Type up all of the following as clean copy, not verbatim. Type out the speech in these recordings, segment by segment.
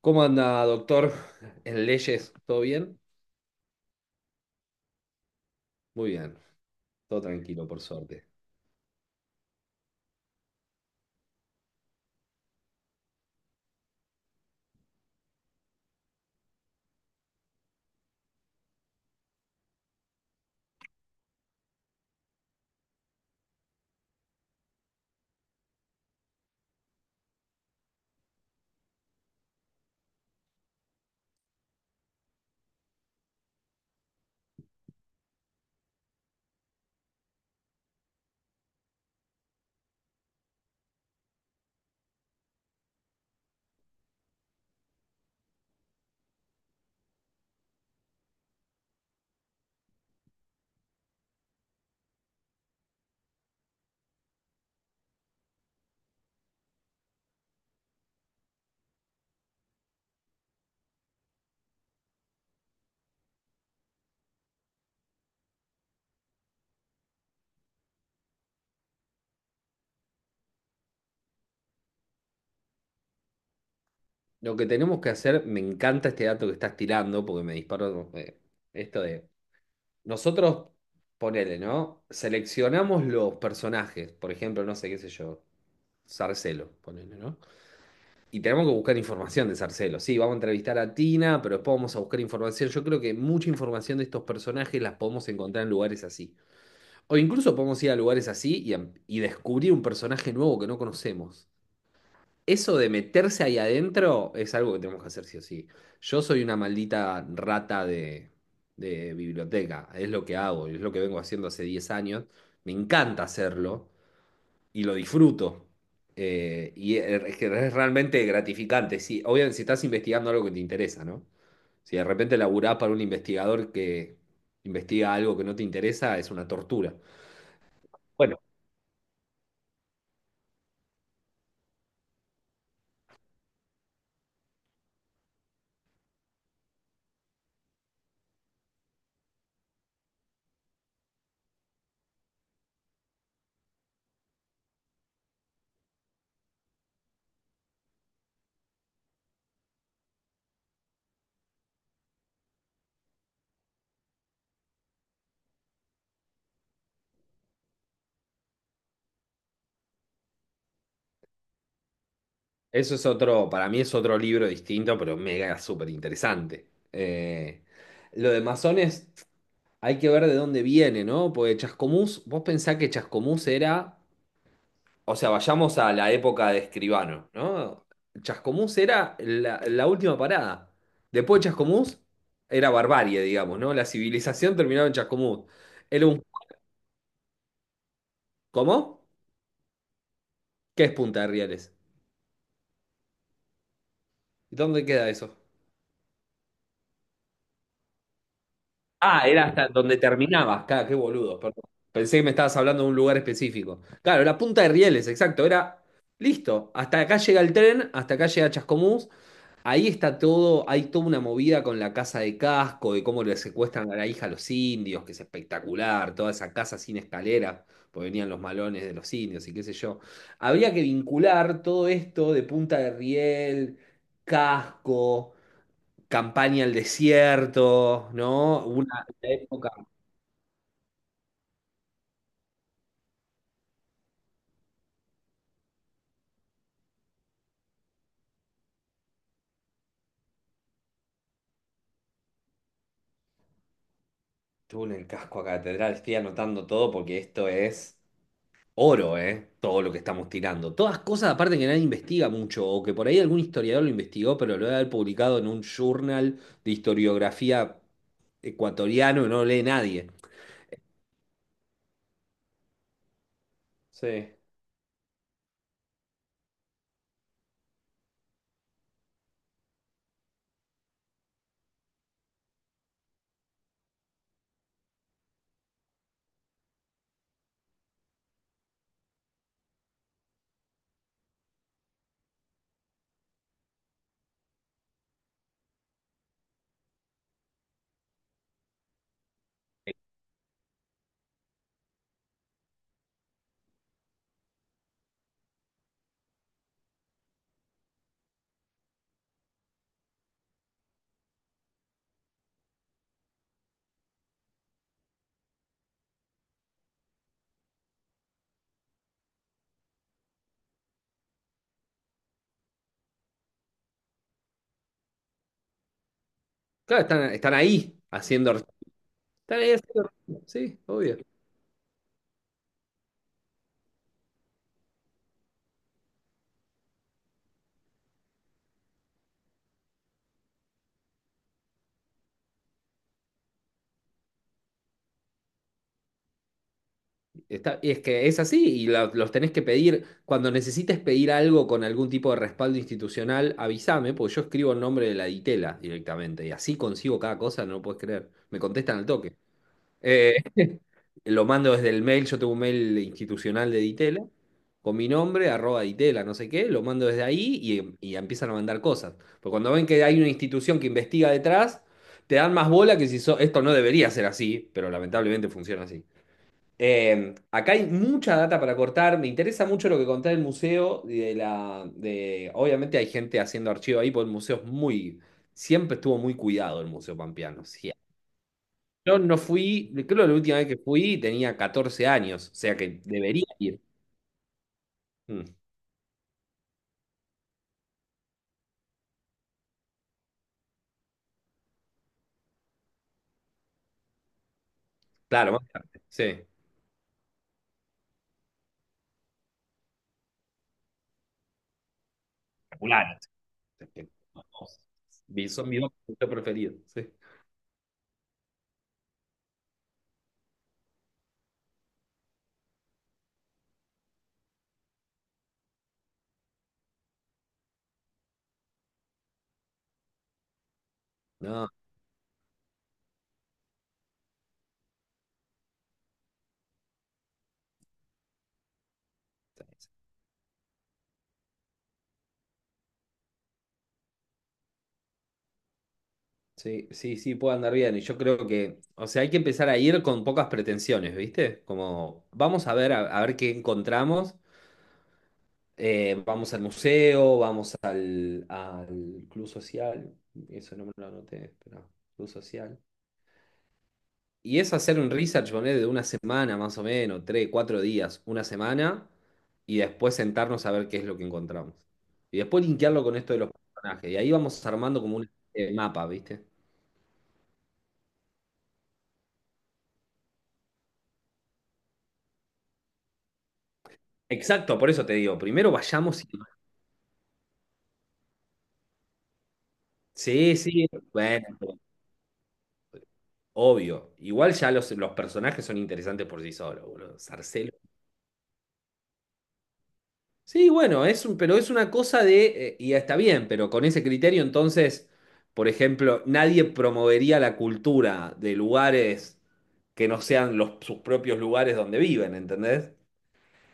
¿Cómo anda, doctor? ¿En leyes? ¿Todo bien? Muy bien, todo tranquilo, por suerte. Lo que tenemos que hacer, me encanta este dato que estás tirando, porque me disparó esto de... Nosotros, ponele, ¿no? Seleccionamos los personajes, por ejemplo, no sé qué sé yo, Sarcelo, ponele, ¿no? Y tenemos que buscar información de Sarcelo. Sí, vamos a entrevistar a Tina, pero después vamos a buscar información. Yo creo que mucha información de estos personajes las podemos encontrar en lugares así. O incluso podemos ir a lugares así y, y descubrir un personaje nuevo que no conocemos. Eso de meterse ahí adentro es algo que tenemos que hacer sí o sí. Yo soy una maldita rata de biblioteca, es lo que hago, es lo que vengo haciendo hace 10 años. Me encanta hacerlo y lo disfruto. Y es que es realmente gratificante. Sí, obviamente si estás investigando algo que te interesa, ¿no? Si de repente laburás para un investigador que investiga algo que no te interesa, es una tortura. Bueno, eso es otro, para mí es otro libro distinto, pero mega súper interesante. Lo de masones, hay que ver de dónde viene, ¿no? Porque Chascomús, vos pensás que Chascomús era, o sea, vayamos a la época de Escribano, ¿no? Chascomús era la última parada. Después de Chascomús era barbarie, digamos, ¿no? La civilización terminaba en Chascomús. Era un, ¿cómo? ¿Qué es Punta de Rieles? ¿Y dónde queda eso? Ah, era hasta donde terminabas. Claro, qué boludo, perdón. Pensé que me estabas hablando de un lugar específico. Claro, la punta de Rieles, exacto. Era listo. Hasta acá llega el tren, hasta acá llega Chascomús. Ahí está todo, hay toda una movida con la casa de Casco, de cómo le secuestran a la hija a los indios, que es espectacular, toda esa casa sin escalera, porque venían los malones de los indios y qué sé yo. Habría que vincular todo esto de Punta de Riel, Casco, campaña al desierto, ¿no? Una época. Tú en el casco a catedral, estoy anotando todo porque esto es oro, ¿eh? Todo lo que estamos tirando. Todas cosas, aparte que nadie investiga mucho, o que por ahí algún historiador lo investigó, pero lo debe haber publicado en un journal de historiografía ecuatoriano que no lee nadie. Sí. Claro, están ahí haciendo. Están ahí haciendo. Sí, obvio. Está- y es que es así, y los tenés que pedir. Cuando necesites pedir algo con algún tipo de respaldo institucional, avísame, porque yo escribo el nombre de la ditela directamente, y así consigo cada cosa, no lo puedes creer. Me contestan al toque. Eh, lo mando desde el mail, yo tengo un mail institucional de ditela, con mi nombre, arroba ditela, no sé qué, lo mando desde ahí y empiezan a mandar cosas. Porque cuando ven que hay una institución que investiga detrás, te dan más bola que si so- esto no debería ser así, pero lamentablemente funciona. Acá hay mucha data para cortar. Me interesa mucho lo que contá del museo. Y de la, de, obviamente hay gente haciendo archivo ahí, porque el museo es muy. Siempre estuvo muy cuidado el Museo Pampeano. O sea, yo no fui, creo que la última vez que fui tenía 14 años, o sea que debería ir. Mm, claro, más tarde. Sí. Espectacular. Son mis dos museos preferidos. Sí. No. Sí, sí, sí, puede andar bien. Y yo creo que, o sea, hay que empezar a ir con pocas pretensiones, ¿viste? Como, vamos a ver qué encontramos. Vamos al museo, vamos al, al club social. Eso no me lo anoté, espera, club social. Y es hacer un research, ponele, de una semana más o menos, tres, cuatro días, una semana, y después sentarnos a ver qué es lo que encontramos. Y después linkearlo con esto de los personajes. Y ahí vamos armando como un mapa, ¿viste? Exacto, por eso te digo, primero vayamos. Sí, sí, bueno, pero obvio. Igual ya los personajes son interesantes por sí solos, boludo. Sarcelo. Sí, bueno, es un, pero es una cosa de, y está bien, pero con ese criterio entonces, por ejemplo, nadie promovería la cultura de lugares que no sean los, sus propios lugares donde viven, ¿entendés?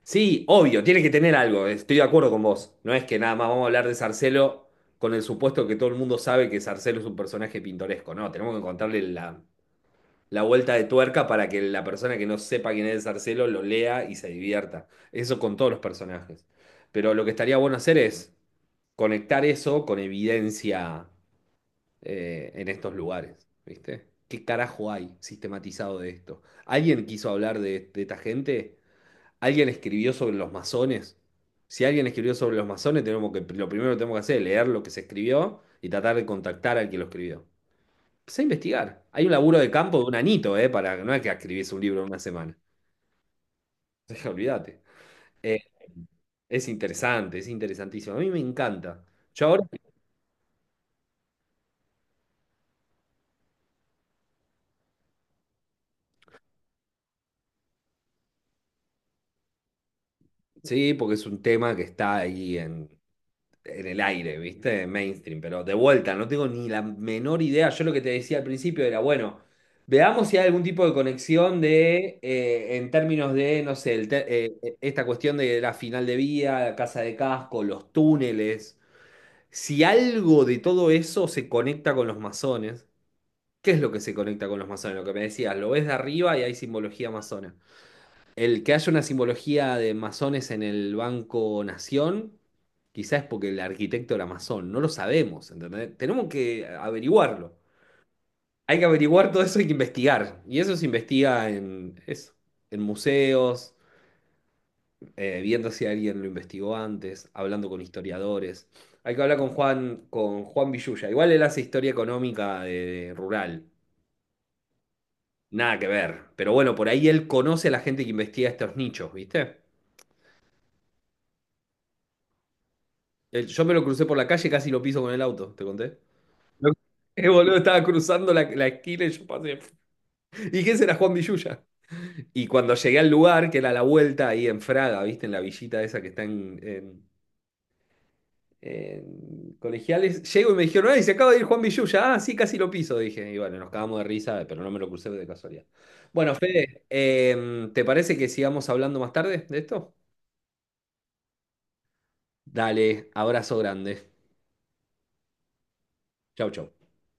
Sí, obvio, tiene que tener algo, estoy de acuerdo con vos. No es que nada más vamos a hablar de Sarcelo con el supuesto que todo el mundo sabe que Sarcelo es un personaje pintoresco, no, tenemos que encontrarle la vuelta de tuerca para que la persona que no sepa quién es Marcelo lo lea y se divierta. Eso con todos los personajes. Pero lo que estaría bueno hacer es conectar eso con evidencia en estos lugares, ¿viste? ¿Qué carajo hay sistematizado de esto? ¿Alguien quiso hablar de esta gente? ¿Alguien escribió sobre los masones? Si alguien escribió sobre los masones, tenemos que, lo primero que tenemos que hacer es leer lo que se escribió y tratar de contactar al que lo escribió. Empecé a investigar. Hay un laburo de campo de un anito, ¿eh? Para, no es que escribís un libro en una semana. Olvídate. Eh, es interesante, es interesantísimo. A mí me encanta. Yo ahora, sí, porque es un tema que está ahí en el aire, ¿viste? Mainstream, pero de vuelta, no tengo ni la menor idea. Yo lo que te decía al principio era, bueno, veamos si hay algún tipo de conexión de, en términos de, no sé, esta cuestión de la final de vía, la casa de casco, los túneles. Si algo de todo eso se conecta con los masones, ¿qué es lo que se conecta con los masones? Lo que me decías, lo ves de arriba y hay simbología masona. El que haya una simbología de masones en el Banco Nación, quizás es porque el arquitecto era masón, no lo sabemos, ¿entendés? Tenemos que averiguarlo. Hay que averiguar todo eso, hay que investigar. Y eso se investiga en, eso, en museos, viendo si alguien lo investigó antes, hablando con historiadores. Hay que hablar con Juan Villuya. Igual él hace historia económica de- rural. Nada que ver. Pero bueno, por ahí él conoce a la gente que investiga estos nichos, ¿viste? Él- yo me lo crucé por la calle, casi lo piso con el auto, te conté. Lo- boludo, estaba cruzando la esquina y yo pasé. Y ese será Juan Villuya. Y cuando llegué al lugar, que era la vuelta ahí en Fraga, ¿viste? En la villita esa que está en colegiales. Llego y me dijeron, ¡ay, se acaba de ir Juan Villuya! Ah, sí, casi lo piso, dije. Y bueno, nos cagamos de risa, pero no me lo crucé de casualidad. Bueno, Fede, ¿te parece que sigamos hablando más tarde de esto? Dale, abrazo grande. Chau, chau.